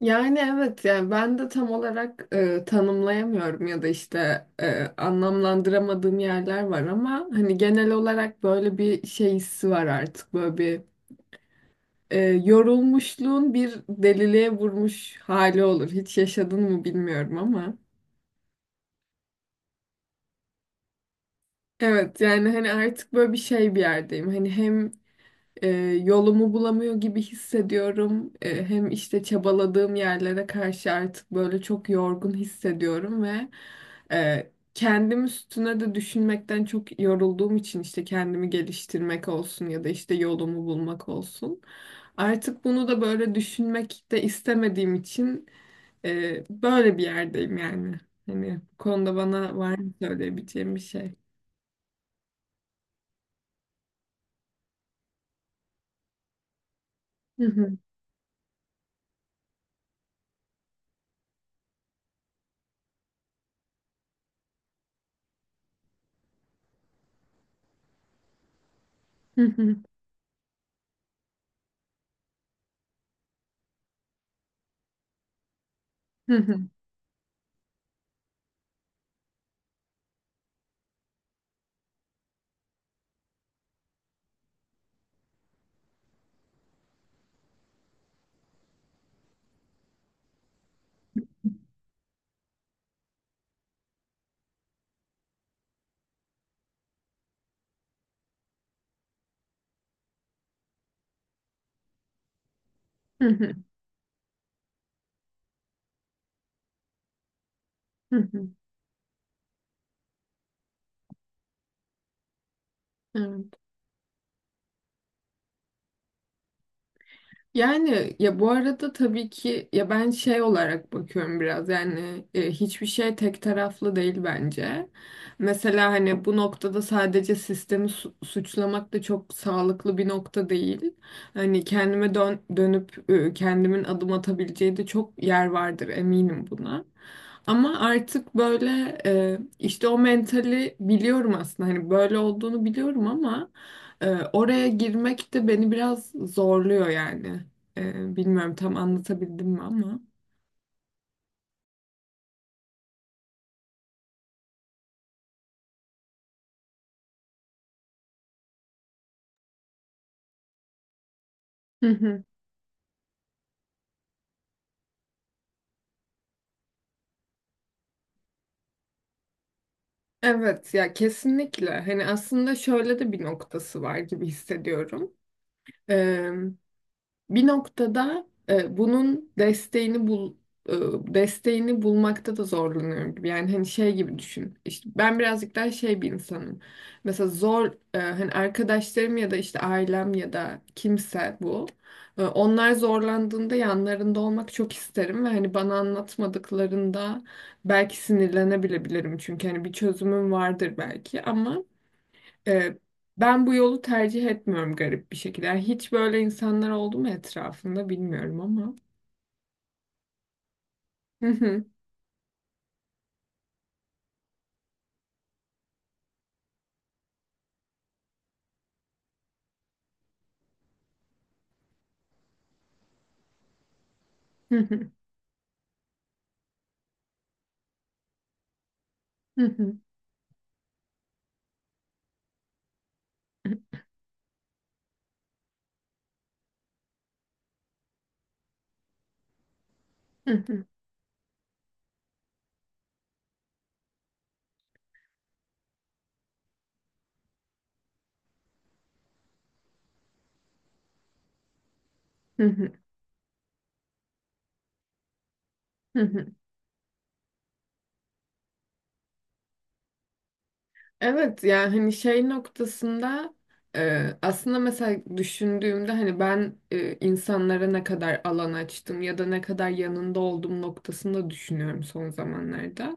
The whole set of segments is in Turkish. Yani evet yani ben de tam olarak tanımlayamıyorum ya da işte anlamlandıramadığım yerler var ama hani genel olarak böyle bir şey hissi var artık böyle bir yorulmuşluğun bir deliliğe vurmuş hali olur. Hiç yaşadın mı bilmiyorum ama. Evet yani hani artık böyle bir şey bir yerdeyim. Hani hem e, yolumu bulamıyor gibi hissediyorum. Hem işte çabaladığım yerlere karşı artık böyle çok yorgun hissediyorum ve kendim üstüne de düşünmekten çok yorulduğum için işte kendimi geliştirmek olsun ya da işte yolumu bulmak olsun. Artık bunu da böyle düşünmek de istemediğim için böyle bir yerdeyim yani. Hani bu konuda bana var mı söyleyebileceğim bir şey? Hı hı, hı hı, hı hı, hı hı, hı hı. Evet. Yani ya bu arada tabii ki ya ben şey olarak bakıyorum biraz yani hiçbir şey tek taraflı değil bence. Mesela hani bu noktada sadece sistemi suçlamak da çok sağlıklı bir nokta değil. Hani kendime dönüp kendimin adım atabileceği de çok yer vardır eminim buna. Ama artık böyle işte o mentali biliyorum aslında hani böyle olduğunu biliyorum ama ee, oraya girmek de beni biraz zorluyor yani. Bilmiyorum tam anlatabildim mi ama. Hı hı. Evet ya kesinlikle. Hani aslında şöyle de bir noktası var gibi hissediyorum. Bir noktada bunun desteğini e, bulmakta da zorlanıyorum gibi. Yani hani şey gibi düşün. İşte ben birazcık daha şey bir insanım. Mesela hani arkadaşlarım ya da işte ailem ya da kimse bu. Onlar zorlandığında yanlarında olmak çok isterim ve hani bana anlatmadıklarında belki sinirlenebilebilirim. Çünkü hani bir çözümüm vardır belki ama ee, ben bu yolu tercih etmiyorum garip bir şekilde. Yani hiç böyle insanlar oldu mu etrafında bilmiyorum ama. Evet yani hani şey noktasında aslında mesela düşündüğümde hani ben insanlara ne kadar alan açtım ya da ne kadar yanında olduğum noktasında düşünüyorum son zamanlarda.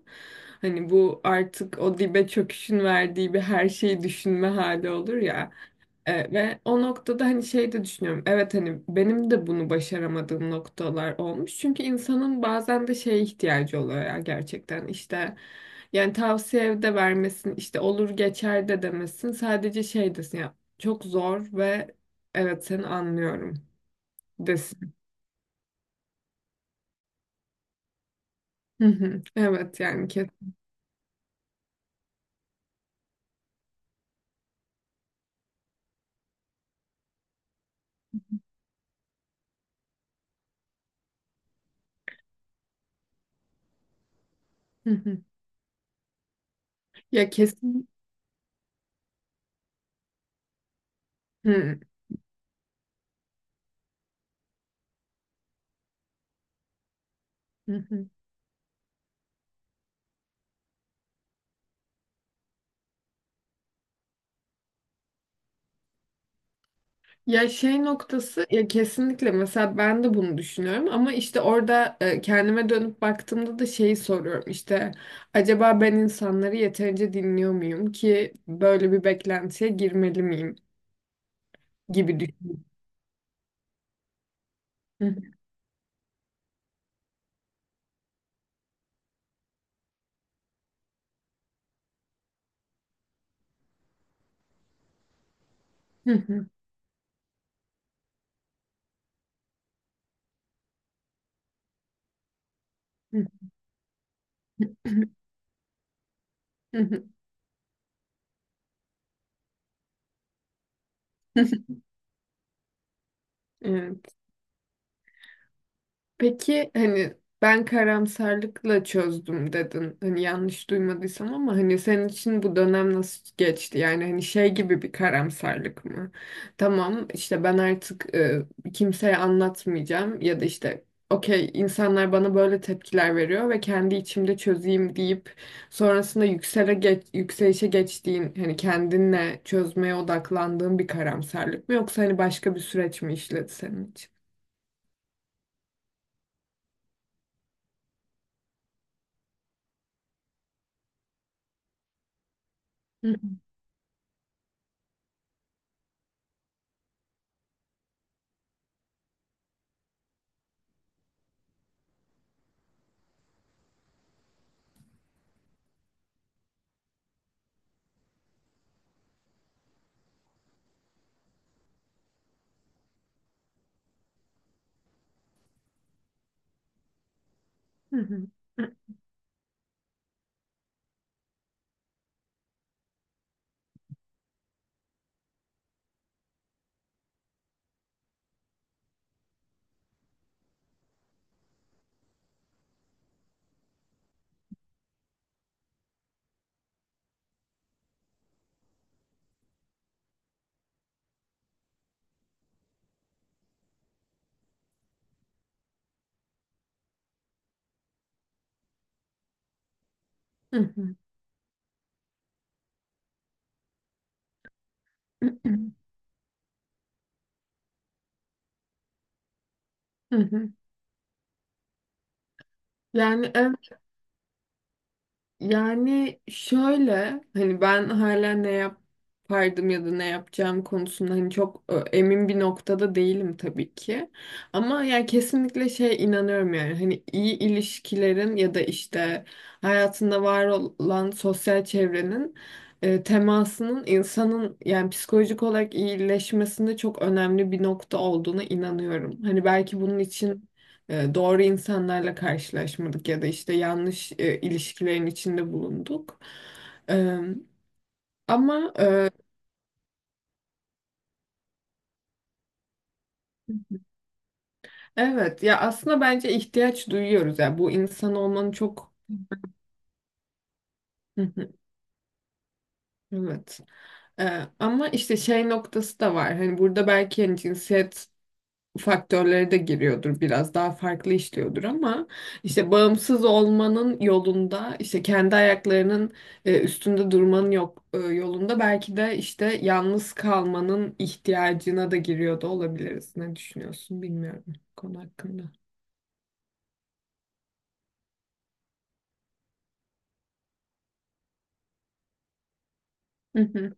Hani bu artık o dibe çöküşün verdiği bir her şeyi düşünme hali olur ya. Ve o noktada hani şey de düşünüyorum. Evet hani benim de bunu başaramadığım noktalar olmuş. Çünkü insanın bazen de şeye ihtiyacı oluyor ya gerçekten işte. Yani tavsiye de vermesin, işte olur geçer de demesin. Sadece şey desin ya, çok zor ve evet seni anlıyorum desin. Hı hı. Evet yani kesin. Hı hı. Ya kesin. Hı hı. Hı. Ya şey noktası ya kesinlikle mesela ben de bunu düşünüyorum ama işte orada kendime dönüp baktığımda da şeyi soruyorum işte acaba ben insanları yeterince dinliyor muyum ki böyle bir beklentiye girmeli miyim gibi düşünüyorum. Hı hı. Hı hı. Hı hı. Evet. Peki hani ben karamsarlıkla çözdüm dedin. Hani yanlış duymadıysam ama hani senin için bu dönem nasıl geçti? Yani hani şey gibi bir karamsarlık mı? Tamam işte ben artık kimseye anlatmayacağım ya da işte okey insanlar bana böyle tepkiler veriyor ve kendi içimde çözeyim deyip sonrasında yükselişe geçtiğin hani kendinle çözmeye odaklandığın bir karamsarlık mı yoksa hani başka bir süreç mi işledi senin için? Hı hı. Hı hı. Hı hı. Yani evet, yani şöyle hani ben hala ne yapardım ya da ne yapacağım konusunda hani çok emin bir noktada değilim tabii ki. Ama yani kesinlikle şey inanıyorum yani hani iyi ilişkilerin ya da işte hayatında var olan sosyal çevrenin temasının insanın yani psikolojik olarak iyileşmesinde çok önemli bir nokta olduğuna inanıyorum. Hani belki bunun için doğru insanlarla karşılaşmadık ya da işte yanlış ilişkilerin içinde bulunduk. E, ama evet ya aslında bence ihtiyaç duyuyoruz ya bu insan olmanın çok. Hı hı. Evet. Ama işte şey noktası da var. Hani burada belki hani cinsiyet faktörleri de giriyordur biraz daha farklı işliyordur ama işte bağımsız olmanın yolunda işte kendi ayaklarının üstünde durmanın yok e, yolunda belki de işte yalnız kalmanın ihtiyacına da giriyor da olabiliriz. Ne düşünüyorsun bilmiyorum bu konu hakkında. Hı hı,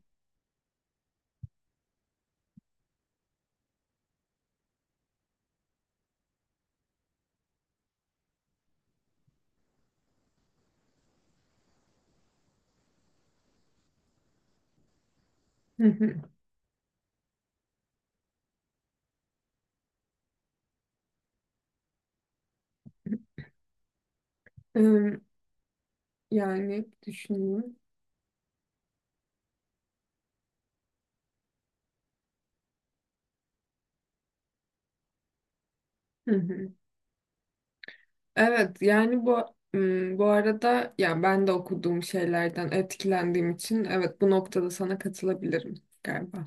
hı hı. Em, Yani düşünüyorum. Hı hı. Evet yani bu arada yani ben de okuduğum şeylerden etkilendiğim için evet bu noktada sana katılabilirim galiba.